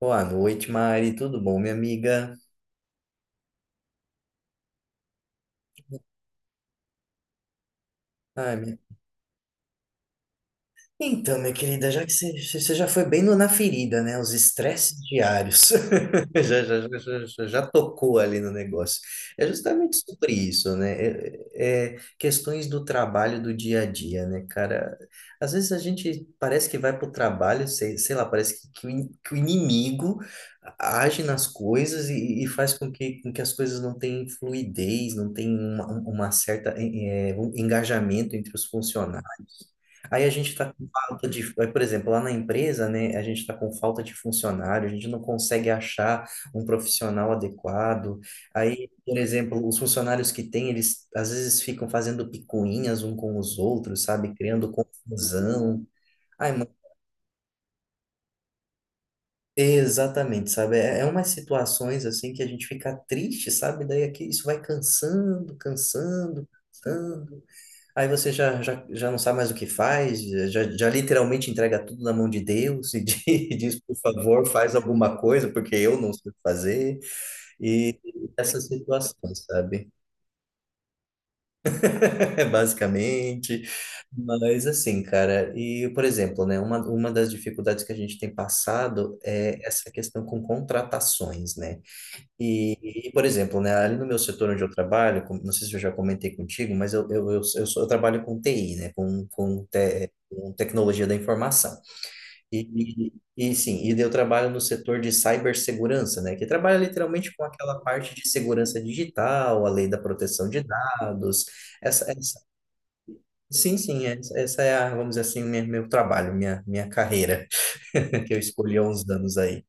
Boa noite, Mari. Tudo bom, minha amiga? Ai, minha Então, minha querida, já que você já foi bem na ferida, né? Os estresses diários. Já, tocou ali no negócio. É justamente sobre isso, né? É, é é questões do trabalho do dia a dia, né, cara? Às vezes a gente parece que vai para o trabalho, sei lá, parece que o inimigo age nas coisas e faz com que as coisas não tenham fluidez, não tenham uma certa, um engajamento entre os funcionários. Aí a gente está falta de, por exemplo, lá na empresa, né, a gente está com falta de funcionário, a gente não consegue achar um profissional adequado. Aí, por exemplo, os funcionários que tem, eles às vezes ficam fazendo picuinhas um com os outros, sabe, criando confusão. Ai, mano, exatamente, sabe? É, é umas situações assim que a gente fica triste, sabe? Daí aqui isso vai cansando, cansando, cansando. Aí você já não sabe mais o que faz, já literalmente entrega tudo na mão de Deus e diz, por favor, faz alguma coisa, porque eu não sei o que fazer. E essas situações, sabe? Basicamente. Mas assim, cara, e por exemplo, né, uma das dificuldades que a gente tem passado é essa questão com contratações, né? Por exemplo, né, ali no meu setor onde eu trabalho, não sei se eu já comentei contigo, mas eu trabalho com TI, né, com tecnologia da informação. E daí eu trabalho no setor de cibersegurança, né, que trabalha literalmente com aquela parte de segurança digital, a lei da proteção de dados, essa, sim, sim, essa é a, vamos dizer assim, o meu trabalho, minha carreira, que eu escolhi há uns anos aí.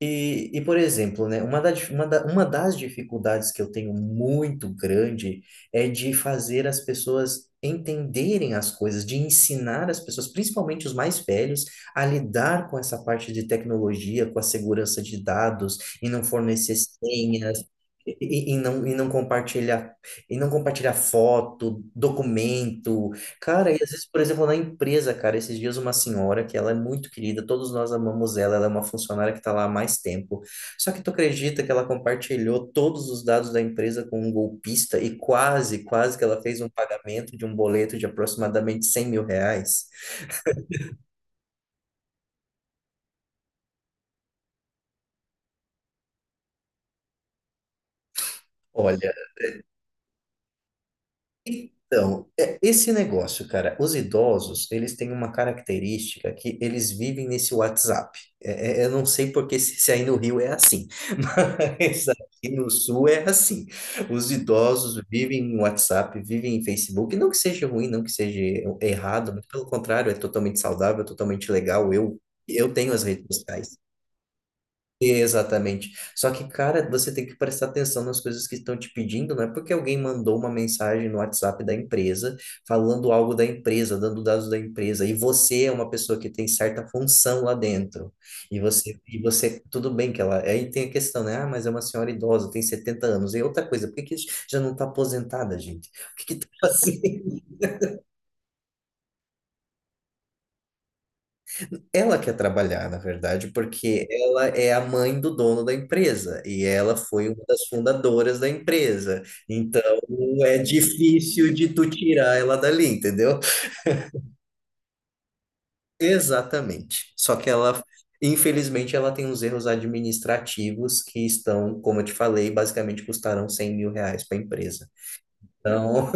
Por exemplo, né, uma das dificuldades que eu tenho muito grande é de fazer as pessoas entenderem as coisas, de ensinar as pessoas, principalmente os mais velhos, a lidar com essa parte de tecnologia, com a segurança de dados, e não fornecer senhas, e, e- e não, e não compartilhar, e não compartilhar foto, documento, Cara, e às vezes, por exemplo, na empresa, cara, esses dias uma senhora que ela é muito querida, todos nós amamos ela, ela é uma funcionária que está lá há mais tempo. Só que tu acredita que ela compartilhou todos os dados da empresa com um golpista e quase, quase que ela fez um pagamento de um boleto de aproximadamente R$ 100.000? Olha, então, esse negócio, cara, os idosos, eles têm uma característica que eles vivem nesse WhatsApp. Eu não sei porque se aí no Rio é assim, mas aqui no Sul é assim. Os idosos vivem em WhatsApp, vivem em Facebook. Não que seja ruim, não que seja errado, mas pelo contrário, é totalmente saudável, totalmente legal. Eu tenho as redes sociais. Exatamente. Só que, cara, você tem que prestar atenção nas coisas que estão te pedindo, não é porque alguém mandou uma mensagem no WhatsApp da empresa falando algo da empresa, dando dados da empresa, e você é uma pessoa que tem certa função lá dentro. E você, tudo bem que ela. Aí tem a questão, né? Ah, mas é uma senhora idosa, tem 70 anos. E outra coisa, por que que já não está aposentada, gente? O que que tá fazendo? Ela quer trabalhar, na verdade, porque ela é a mãe do dono da empresa e ela foi uma das fundadoras da empresa. Então, é difícil de tu tirar ela dali, entendeu? Exatamente. Só que ela, infelizmente, ela tem uns erros administrativos que estão, como eu te falei, basicamente custaram R$ 100.000 para a empresa. Então,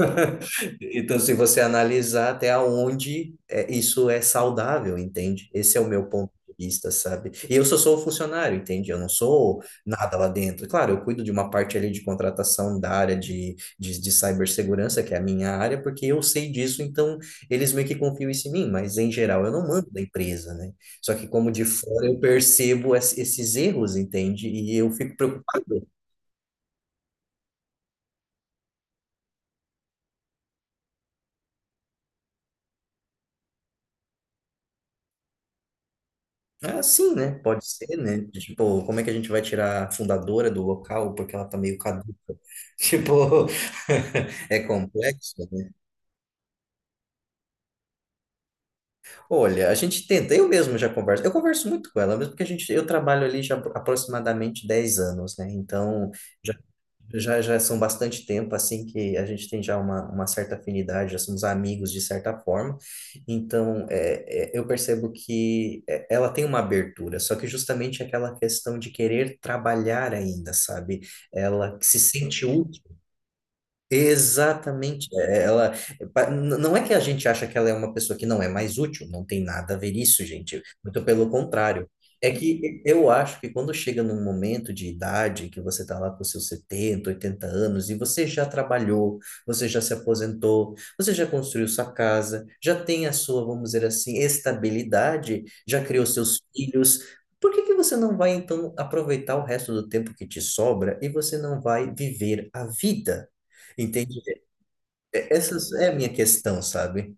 então, se você analisar até onde é, isso é saudável, entende? Esse é o meu ponto de vista, sabe? E eu só sou funcionário, entende? Eu não sou nada lá dentro. Claro, eu cuido de uma parte ali de contratação da área de cibersegurança, que é a minha área, porque eu sei disso, então eles meio que confiam isso em mim, mas em geral eu não mando da empresa, né? Só que como de fora eu percebo esses erros, entende? E eu fico preocupado. Ah, sim, né? Pode ser, né? Tipo, como é que a gente vai tirar a fundadora do local porque ela tá meio caduca? Tipo, é complexo, né? Olha, a gente tenta, eu mesmo já converso, eu converso muito com ela, mesmo porque a gente, eu trabalho ali já aproximadamente 10 anos, né? Então, já são bastante tempo, assim, que a gente tem já uma certa afinidade, já somos amigos de certa forma. Então, eu percebo que é, ela tem uma abertura, só que justamente aquela questão de querer trabalhar ainda, sabe? Ela se sente útil. Exatamente. Ela não é que a gente acha que ela é uma pessoa que não é mais útil, não tem nada a ver isso, gente. Muito pelo contrário. É que eu acho que quando chega num momento de idade que você está lá com seus 70, 80 anos e você já trabalhou, você já se aposentou, você já construiu sua casa, já tem a sua, vamos dizer assim, estabilidade, já criou seus filhos, por que que você não vai então aproveitar o resto do tempo que te sobra e você não vai viver a vida? Entendi. Essa é a minha questão, sabe?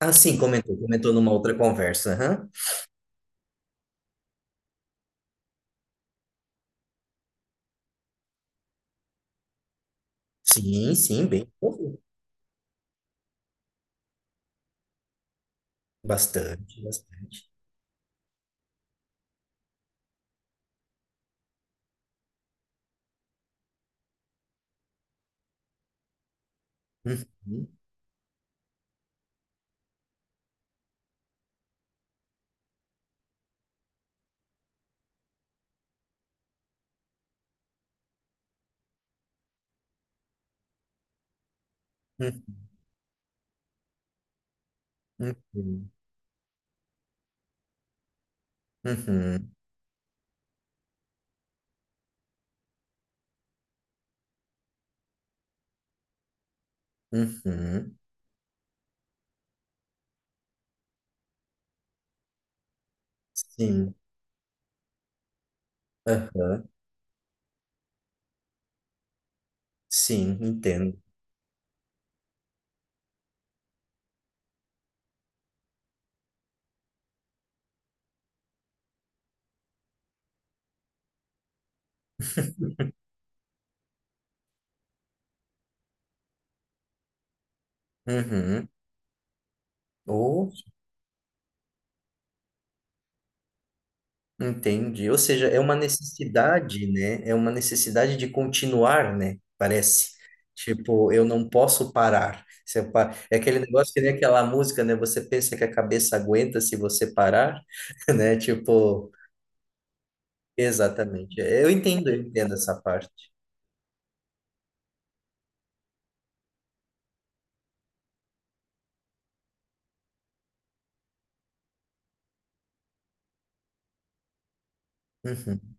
Ah, sim, comentou, comentou numa outra conversa. Aham. Sim, sim, bem. Envolvido. Bastante, bastante. Uhum, uhum, uhum, uhum, uhum. Sim, aham, sim, entendo. Uhum. Ou entendi. Ou seja, é uma necessidade, né? É uma necessidade de continuar, né? Parece. Tipo, eu não posso parar. Se eu pa- É aquele negócio que nem aquela música, né? Você pensa que a cabeça aguenta se você parar, né? Tipo, exatamente. Eu entendo essa parte. Uhum.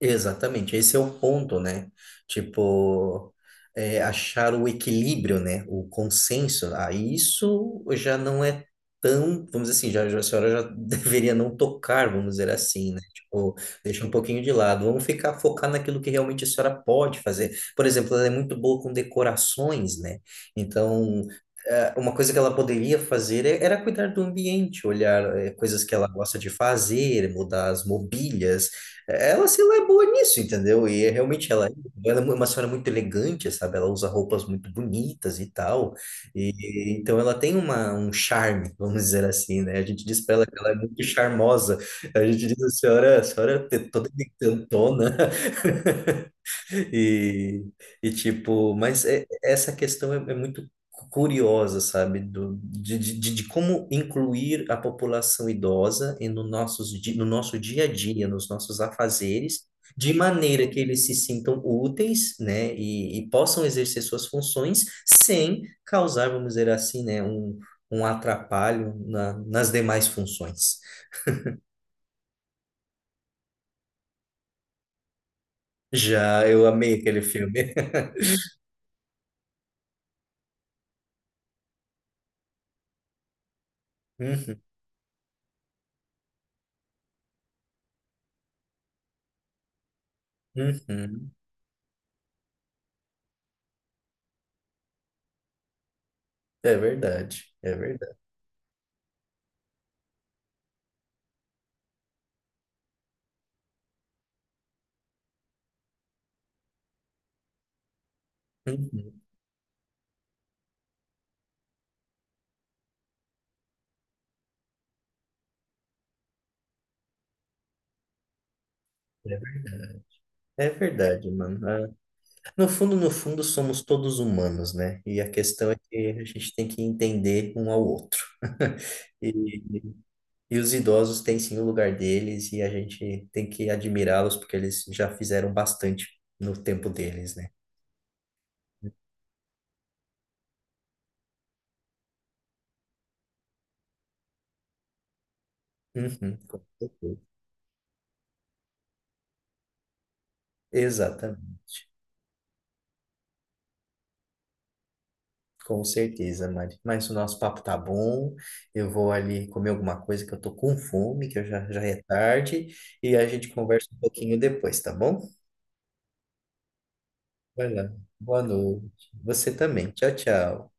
Exatamente, esse é o ponto, né? Tipo, é, achar o equilíbrio, né? O consenso. Ah, isso já não é tão, vamos dizer assim, a senhora já deveria não tocar, vamos dizer assim, né? Tipo, deixa um pouquinho de lado. Vamos ficar focar naquilo que realmente a senhora pode fazer. Por exemplo, ela é muito boa com decorações, né? Então, uma coisa que ela poderia fazer era cuidar do ambiente, olhar coisas que ela gosta de fazer, mudar as mobílias, ela, se lá, é boa nisso, entendeu? Ela é uma senhora muito elegante, sabe? Ela usa roupas muito bonitas e tal. E então ela tem um charme, vamos dizer assim, né? A gente diz para ela que ela é muito charmosa. A gente diz, a senhora é toda encantona. E, e tipo, mas essa questão é, é muito curiosa, sabe? Do, de como incluir a população idosa no nosso dia a dia, nos nossos afazeres, de maneira que eles se sintam úteis, né? E possam exercer suas funções sem causar, vamos dizer assim, né? Um atrapalho nas demais funções. Já eu amei aquele filme. Uhum, uhum. É verdade, é verdade. Uhum. É ver- é verdade, mano. Ah, no fundo, no fundo, somos todos humanos, né? E a questão é que a gente tem que entender um ao outro. E, e os idosos têm sim o lugar deles e a gente tem que admirá-los porque eles já fizeram bastante no tempo deles, né? Uhum, com certeza. Exatamente. Com certeza, Mari. Mas o nosso papo tá bom. Eu vou ali comer alguma coisa que eu tô com fome, que eu já é tarde, e a gente conversa um pouquinho depois, tá bom? Vai lá. Boa noite. Você também. Tchau, tchau.